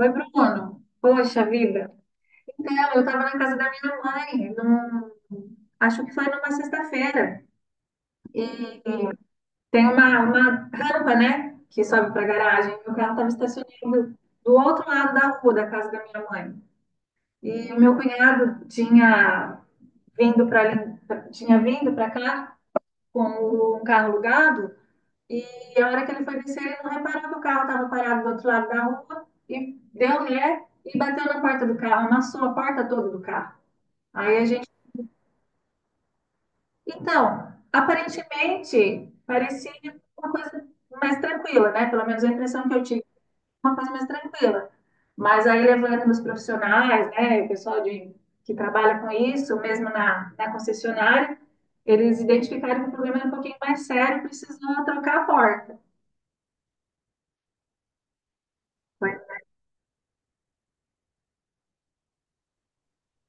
Oi, Bruno. Poxa vida. Então, eu estava na casa da minha mãe, acho que foi numa sexta-feira, e tem uma rampa, né, que sobe para a garagem. Meu carro estava estacionado do outro lado da rua da casa da minha mãe. E o meu cunhado tinha vindo para cá com um carro alugado. E a hora que ele foi descer, ele não reparou que o carro estava parado do outro lado da rua e deu ré e bateu na porta do carro, amassou a porta toda do carro. Aí a gente. Então, aparentemente, parecia uma coisa mais tranquila, né? Pelo menos a impressão que eu tive, uma coisa mais tranquila. Mas aí, levando os profissionais, né, o pessoal de, que trabalha com isso, mesmo na concessionária, eles identificaram que o problema era um pouquinho mais sério, precisou trocar a porta. Foi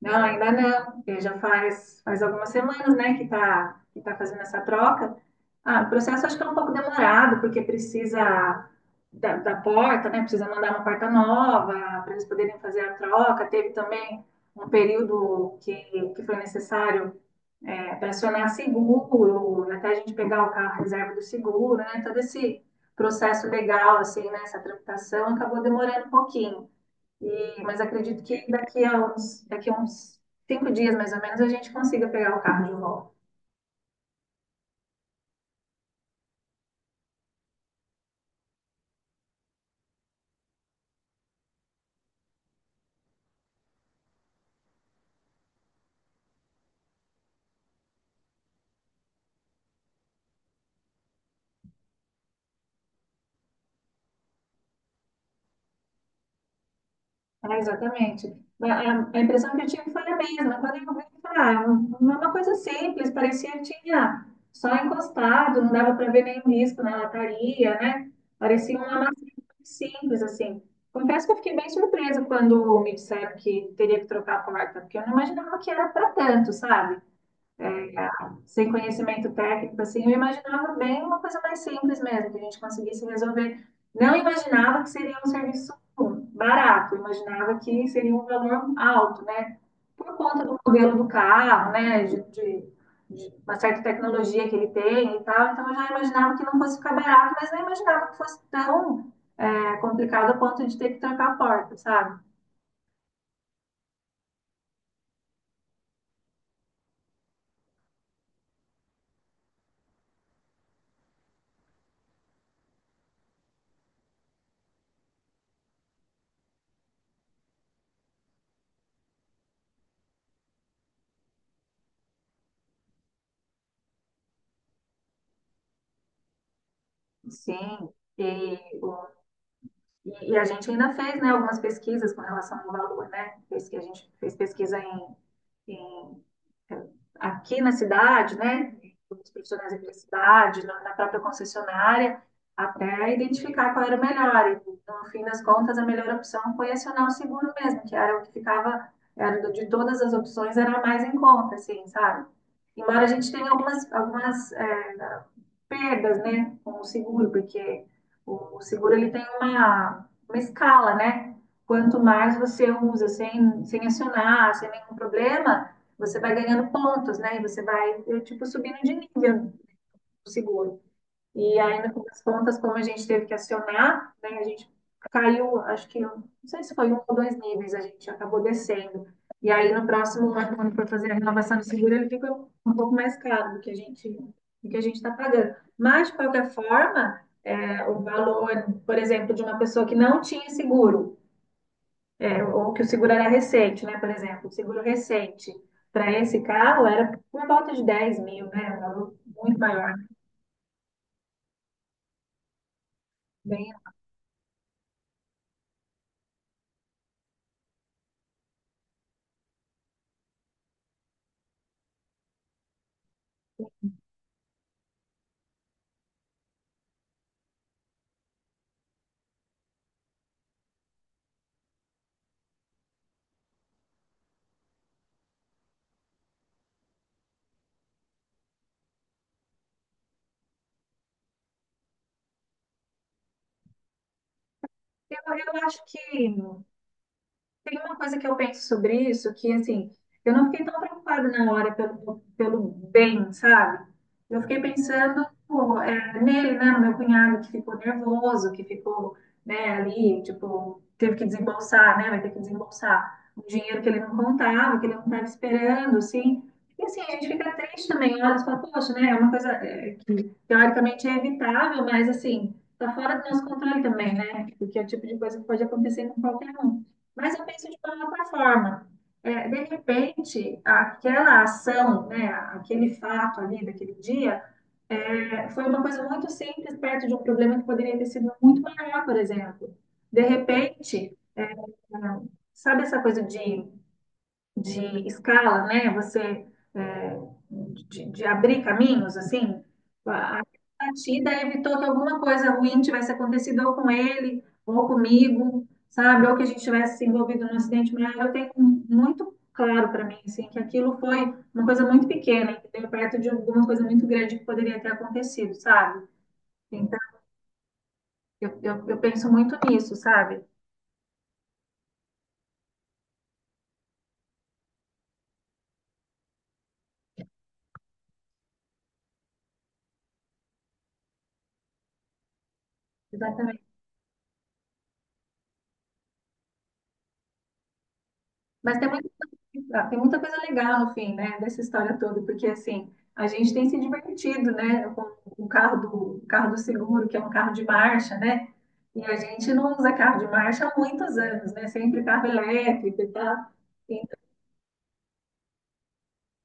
Não, ainda não, porque já faz algumas semanas, né, que tá fazendo essa troca. Ah, o processo acho que é um pouco demorado, porque precisa da porta, né, precisa mandar uma porta nova para eles poderem fazer a troca. Teve também um período que foi necessário para acionar seguro, até a gente pegar o carro à reserva do seguro, né, todo esse processo legal, assim, né, essa tramitação acabou demorando um pouquinho. E, mas acredito que daqui a uns 5 dias, mais ou menos, a gente consiga pegar o carro de volta. É, exatamente. A impressão que eu tive foi a mesma. Quando eu vi, eu falei, ah, é uma coisa simples, parecia que tinha só encostado, não dava para ver nenhum risco na lataria, né? Parecia uma massinha simples, assim. Confesso que eu fiquei bem surpresa quando me disseram que teria que trocar a porta, porque eu não imaginava que era para tanto, sabe? Sem conhecimento técnico, assim, eu imaginava bem uma coisa mais simples mesmo, que a gente conseguisse resolver. Não imaginava que seria um serviço barato, imaginava que seria um valor alto, né? Por conta do modelo do carro, né? De uma certa tecnologia que ele tem e tal. Então, eu já imaginava que não fosse ficar barato, mas não imaginava que fosse tão complicado a ponto de ter que trancar a porta, sabe? Sim. E e a gente ainda fez, né, algumas pesquisas com relação ao valor, né? Fez que a gente fez pesquisa em, em- aqui na cidade, né? Com os profissionais aqui da cidade, na própria concessionária, até identificar qual era o melhor. E, no fim das contas, a melhor opção foi acionar o seguro mesmo, que era o que ficava, era de todas as opções, era a mais em conta, assim, sabe? Embora a gente tenha algumas perdas, né, com o seguro, porque o seguro ele tem uma escala, né? Quanto mais você usa sem acionar, sem nenhum problema, você vai ganhando pontos, né? E você vai, tipo, subindo de nível no seguro. E aí, no fim das contas, como a gente teve que acionar, né, a gente caiu, acho que, não sei se foi um ou dois níveis, a gente acabou descendo. E aí, no próximo ano, quando for fazer a renovação do seguro, ele fica um pouco mais caro do que a gente, do que a gente está pagando. Mas, de qualquer forma, o valor, por exemplo, de uma pessoa que não tinha seguro, ou que o seguro era recente, né, por exemplo, o seguro recente, para esse carro era por volta de 10.000, né, um valor muito maior, bem, eu, eu acho que tem uma coisa que eu penso sobre isso, que assim, eu não fiquei tão preocupada na hora pelo bem, sabe? Eu fiquei pensando, pô, é, nele, né, no meu cunhado que ficou nervoso, que ficou, né, ali, tipo, teve que desembolsar, né, vai ter que desembolsar um dinheiro que ele não contava, que ele não estava esperando, assim. E assim, a gente fica triste também, olha, e fala, poxa, né, é uma coisa, é, teoricamente é evitável, mas assim, tá fora do nosso controle também, né? Porque é o tipo de coisa que pode acontecer com qualquer um. Mas eu penso de uma outra forma. É, de repente, aquela ação, né, aquele fato ali daquele dia, é, foi uma coisa muito simples perto de um problema que poderia ter sido muito maior, por exemplo. De repente, é, sabe essa coisa de escala, né? Você é, de abrir caminhos, assim, a a partida evitou que alguma coisa ruim tivesse acontecido ou com ele, ou comigo, sabe? Ou que a gente tivesse se envolvido num acidente maior. Eu tenho um, muito claro para mim, assim, que aquilo foi uma coisa muito pequena, entendeu? Perto de alguma coisa muito grande que poderia ter acontecido, sabe? Então, eu penso muito nisso, sabe? Exatamente. Mas tem muita coisa legal no fim, né, dessa história toda, porque assim, a gente tem se divertido, né, com o carro do seguro, que é um carro de marcha, né, e a gente não usa carro de marcha há muitos anos, né, sempre carro elétrico e tal.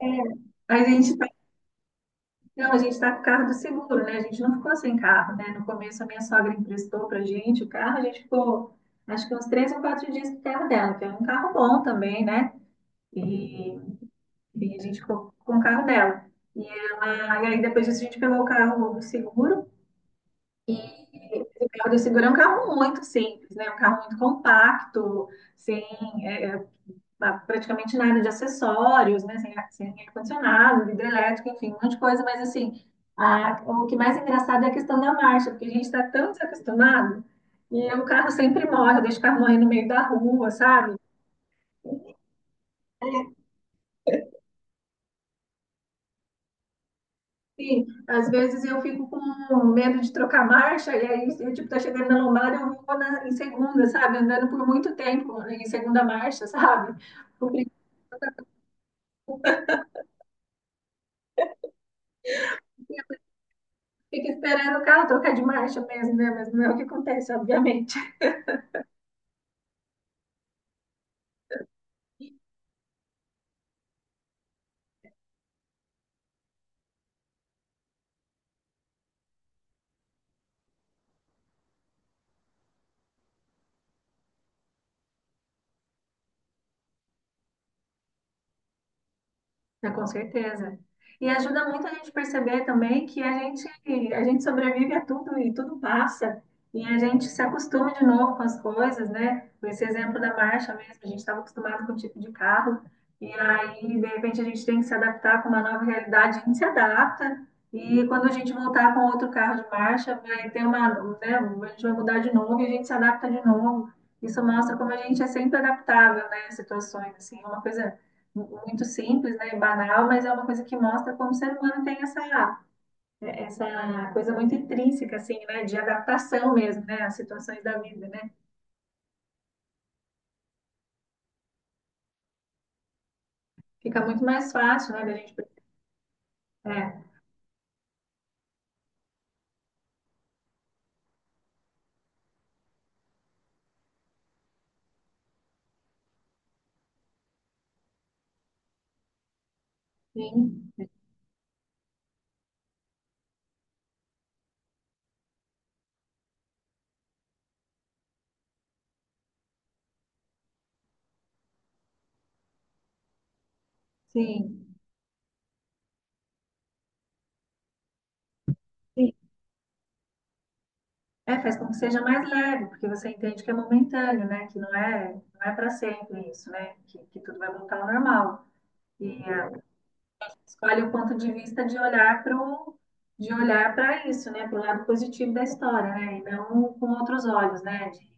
Então, a gente tá, não, a gente tá com o carro do seguro, né, a gente não ficou sem carro, né, no começo a minha sogra emprestou pra gente o carro, a gente ficou, acho que uns 3 ou 4 dias com o carro dela, que é um carro bom também, né, e E a gente ficou com o carro dela. E, e aí depois disso a gente pegou o carro do seguro. E o carro do seguro é um carro muito simples, né? Um carro muito compacto, sem é, praticamente nada de acessórios, né? Sem, sem ar-condicionado, vidro elétrico, enfim, um monte de coisa. Mas assim, o que mais é engraçado é a questão da marcha, porque a gente está tão desacostumado. E o carro sempre morre, deixa o carro morrer no meio da rua, sabe? Sim, às vezes eu fico com medo de trocar marcha, e aí eu, tipo, tá chegando na lombada, eu vou em segunda, sabe? Andando por muito tempo em segunda marcha, sabe? O princípio fica esperando o carro trocar de marcha mesmo, né? Mas não é o que acontece, obviamente. É, com certeza. E ajuda muito a gente perceber também que a gente sobrevive a tudo e tudo passa. E a gente se acostuma de novo com as coisas, né? Esse exemplo da marcha mesmo, a gente estava acostumado com o tipo de carro, e aí, de repente, a gente tem que se adaptar com uma nova realidade, a gente se adapta, e quando a gente voltar com outro carro de marcha, vai ter uma, né? A gente vai mudar de novo e a gente se adapta de novo. Isso mostra como a gente é sempre adaptável, né, às situações, assim, é uma coisa muito simples, né, banal, mas é uma coisa que mostra como o ser humano tem essa coisa muito intrínseca, assim, né, de adaptação mesmo, né, às situações da vida, né? Fica muito mais fácil, né, da gente. É, sim, sim, sim. É, faz com que seja mais leve, porque você entende que é momentâneo, né, que não é para sempre isso, né, que tudo vai voltar ao normal. E é, escolhe o ponto de vista de olhar para isso, né, para o lado positivo da história, né, e não com outros olhos, né, de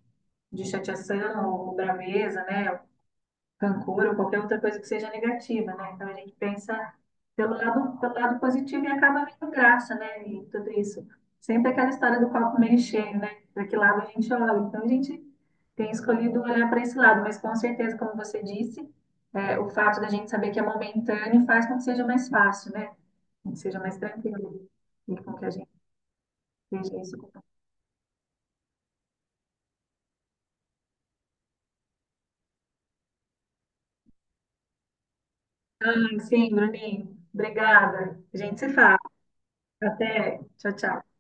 de chateação, ou braveza, né, rancor, ou qualquer outra coisa que seja negativa, né? Então a gente pensa pelo lado positivo e acaba vendo graça, né, e tudo isso. Sempre aquela história do copo meio cheio, né? Para que lado a gente olha. Então a gente tem escolhido olhar para esse lado, mas com certeza, como você disse, é, o fato da gente saber que é momentâneo faz com que seja mais fácil, né? Com que seja mais tranquilo e com que a gente veja isso. Sim, Bruninho, obrigada. A gente se fala. Até. Tchau, tchau.